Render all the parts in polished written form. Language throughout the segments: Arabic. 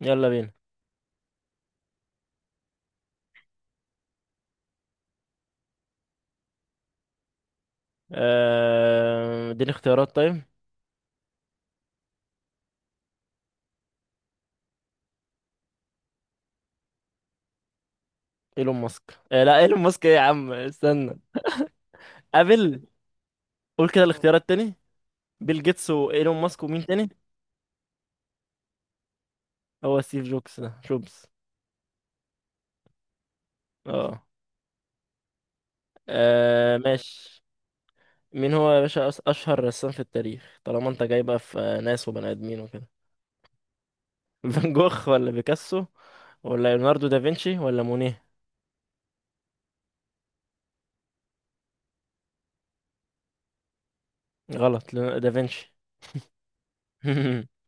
يلا بينا. اديني اختيارات طيب. ايلون ماسك، لا ايلون ماسك ايه يا عم استنى. ابل. قول كده الاختيارات تاني. بيل جيتس وايلون ماسك ومين تاني؟ هو ستيف جوبز ده جوبز؟ اه. ماشي. مين هو يا باشا اشهر رسام في التاريخ؟ طالما انت جاي بقى في ناس وبني ادمين وكده. فان جوخ ولا بيكاسو ولا ليوناردو دافنشي ولا مونيه؟ غلط، دافنشي.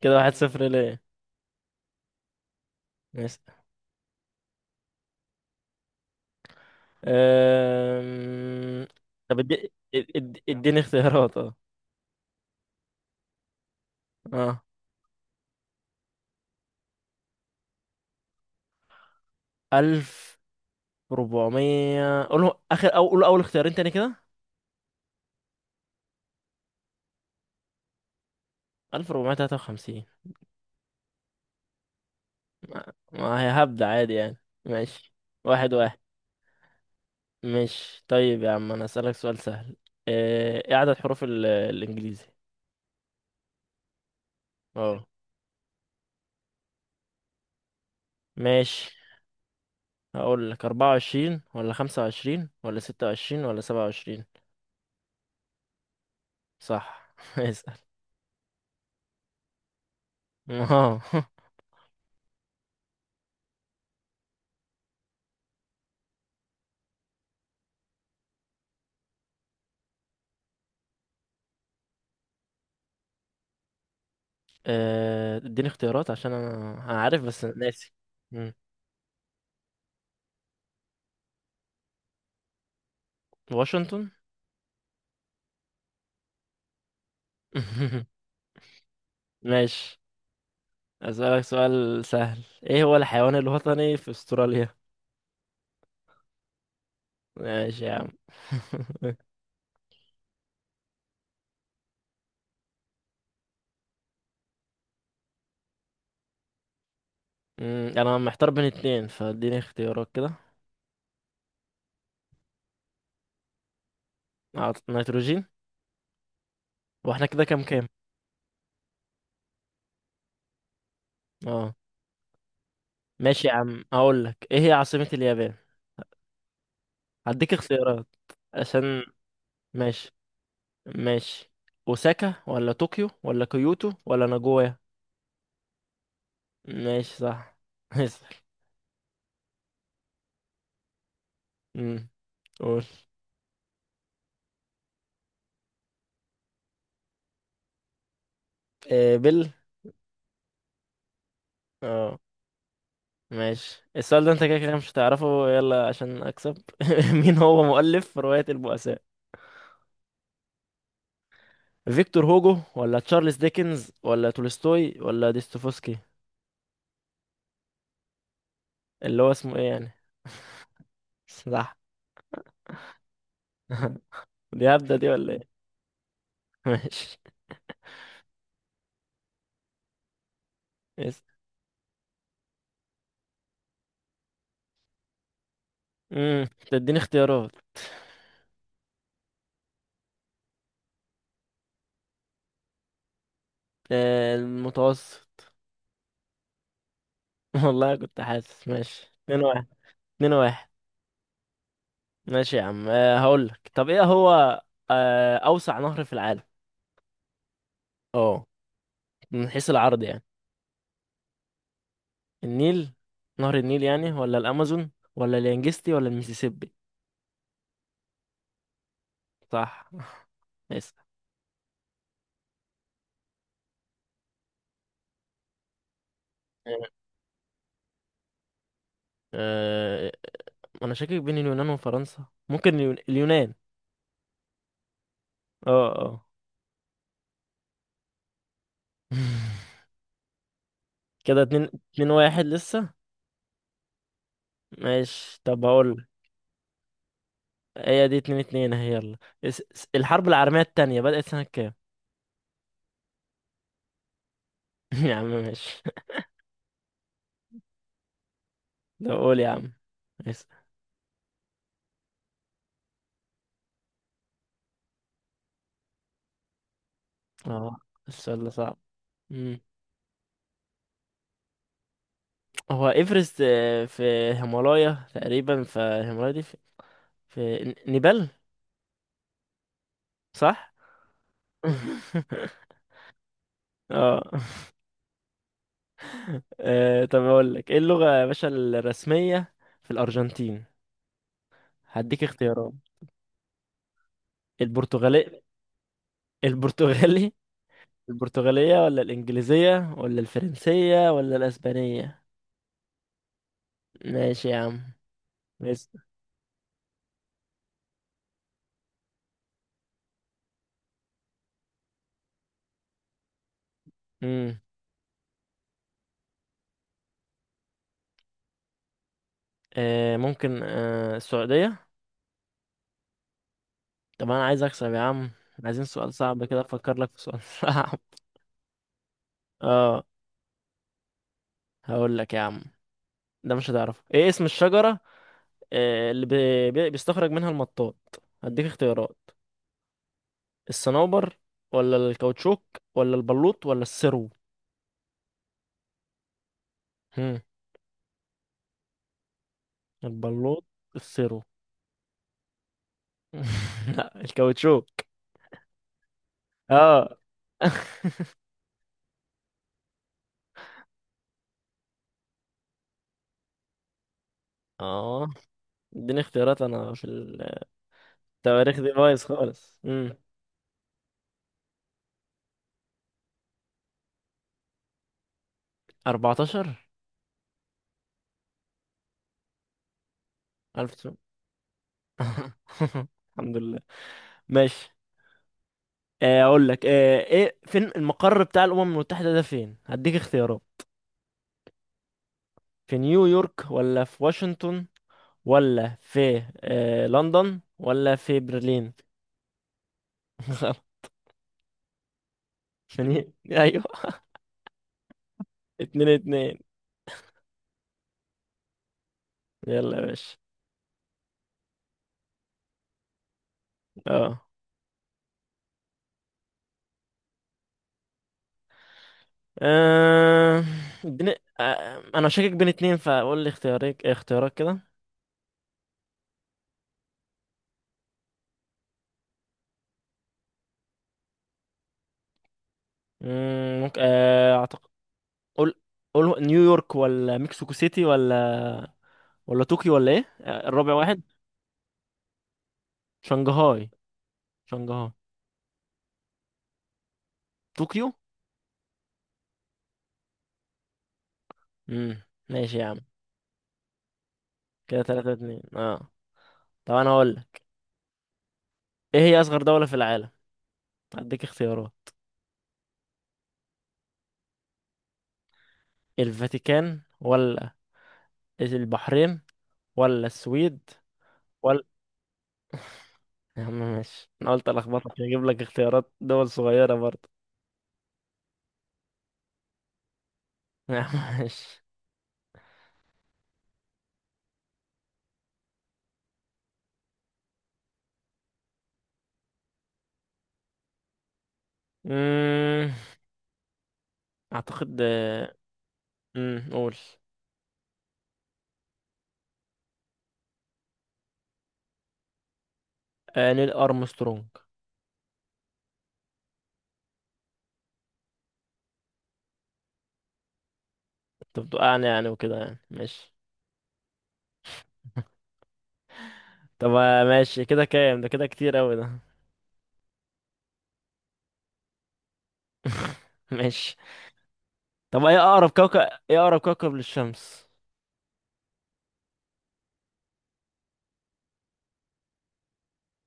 كده واحد صفر ليه. أم... طب اديني اختيارات اه. اه، 1400؟ قوله اخر، او قول اول اختيارين تاني كده. 1453. ما هي هبدأ عادي يعني. ماشي، واحد واحد. ماشي طيب يا عم انا اسألك سؤال سهل. ايه عدد حروف الانجليزي؟ اه ماشي، هقول لك 24 ولا 25 ولا 26 ولا 27؟ صح. اسأل. اه. اديني اختيارات عشان انا عارف بس ناسي. مم. واشنطن. ماشي. اسألك سؤال سهل، ايه هو الحيوان الوطني في استراليا؟ ماشي يا عم. انا محتار بين اتنين، فاديني اختيارات كده. نيتروجين. واحنا كده كام كام؟ اه. ماشي يا عم، هقول لك ايه هي عاصمة اليابان. هديك اختيارات عشان. ماشي، ماشي. اوساكا ولا طوكيو ولا كيوتو ولا ناجويا؟ ماشي، صح. امم، قول. إيه، بيل. اه ماشي، السؤال ده انت كده كده مش هتعرفه، يلا عشان اكسب. مين هو مؤلف رواية البؤساء؟ فيكتور هوجو ولا تشارلز ديكنز ولا تولستوي ولا ديستوفسكي؟ اللي هو اسمه ايه يعني؟ صح. دي هبدة دي ولا ايه؟ ماشي. اس- امم، تديني اختيارات. المتوسط. والله كنت حاسس. ماشي، اتنين واحد. اتنين واحد. ماشي يا عم. هقول لك، طب ايه هو اوسع نهر في العالم؟ اه، من حيث العرض يعني. النيل، نهر النيل يعني، ولا الامازون ولا اليانجستي ولا الميسيسيبي؟ صح. اسأل. أه... انا شاكك بين اليونان وفرنسا، ممكن اليونان. اه اه. كده اتنين. اتنين واحد لسه. ماشي، طب هقول. هي دي اتنين اتنين اهي، يلا. الحرب العالمية التانية بدأت سنة كام؟ يا عم ماشي. ده قول يا عم. اسأل. اه، السؤال ده صعب. هو ايفرست في هيمالايا تقريبا، فالهيمالايا دي في, في نيبال. صح. اه. طب اقول لك ايه اللغة يا باشا الرسمية في الارجنتين؟ هديك اختيارات. البرتغالي. البرتغالي. البرتغالية ولا الانجليزية ولا الفرنسية ولا الاسبانية؟ ماشي يا عم. بس امم. آه ممكن، آه السعودية. طب انا عايز اكسب يا عم. عايزين سؤال صعب كده، افكر لك في سؤال صعب. اه، هقول لك يا عم، ده مش هتعرفه. ايه اسم الشجرة اللي بيستخرج منها المطاط؟ هديك اختيارات. الصنوبر ولا الكاوتشوك ولا البلوط ولا السرو؟ هم. البلوط. السرو. لا، الكاوتشوك. اه. اه، اديني اختيارات. انا في التواريخ دي بايظ خالص. امم، 14. ألف سنة. الحمد لله. ماشي. اقول لك، ايه فين المقر بتاع الامم المتحدة ده فين؟ هديك اختيارات. في نيويورك ولا في واشنطن ولا في لندن ولا في برلين؟ غلط. ايوه، اتنين اتنين. يلا يا باشا. اه. آه، بن... آه، انا شاكك بين اتنين، فقول لي اختيارك اختيارك كده. ممكن اعتقد. قول. قول نيويورك ولا مكسيكو سيتي ولا ولا طوكيو ولا ايه، الرابع واحد. شنغهاي. شنغهاي. طوكيو. امم. ماشي يا عم. كده تلاتة اتنين، اه. طب انا هقول، ايه هي اصغر دولة في العالم؟ هديك اختيارات. الفاتيكان ولا البحرين ولا السويد ولا. يا عم ماشي، انا قلت الخبطك هجيب لك اختيارات دول صغيرة برضه. يا عم ماشي. امم. اعتقد. امم، قول. نيل ارمسترونج. انت بتوقعني يعني يعني وكده يعني، ماشي. طب ماشي كده كام ده، كده كتير اوي ده. ماشي. طب ايه اقرب كوكب. ايه اقرب كوكب للشمس؟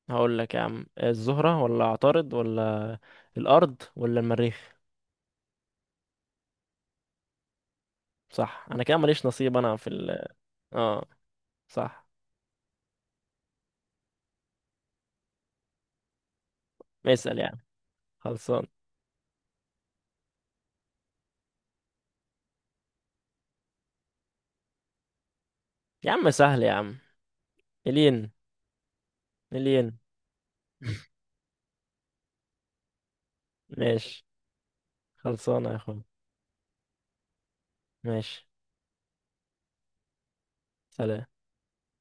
هقول لك يا عم، الزهرة ولا عطارد ولا الأرض ولا المريخ؟ صح. أنا كده ماليش نصيب، أنا في ال. اه صح. اسأل يا عم. خلصان. يا عم سهل يا عم، الين. الين. ماشي. خلصانة يا أخوي. ماشي، سلام.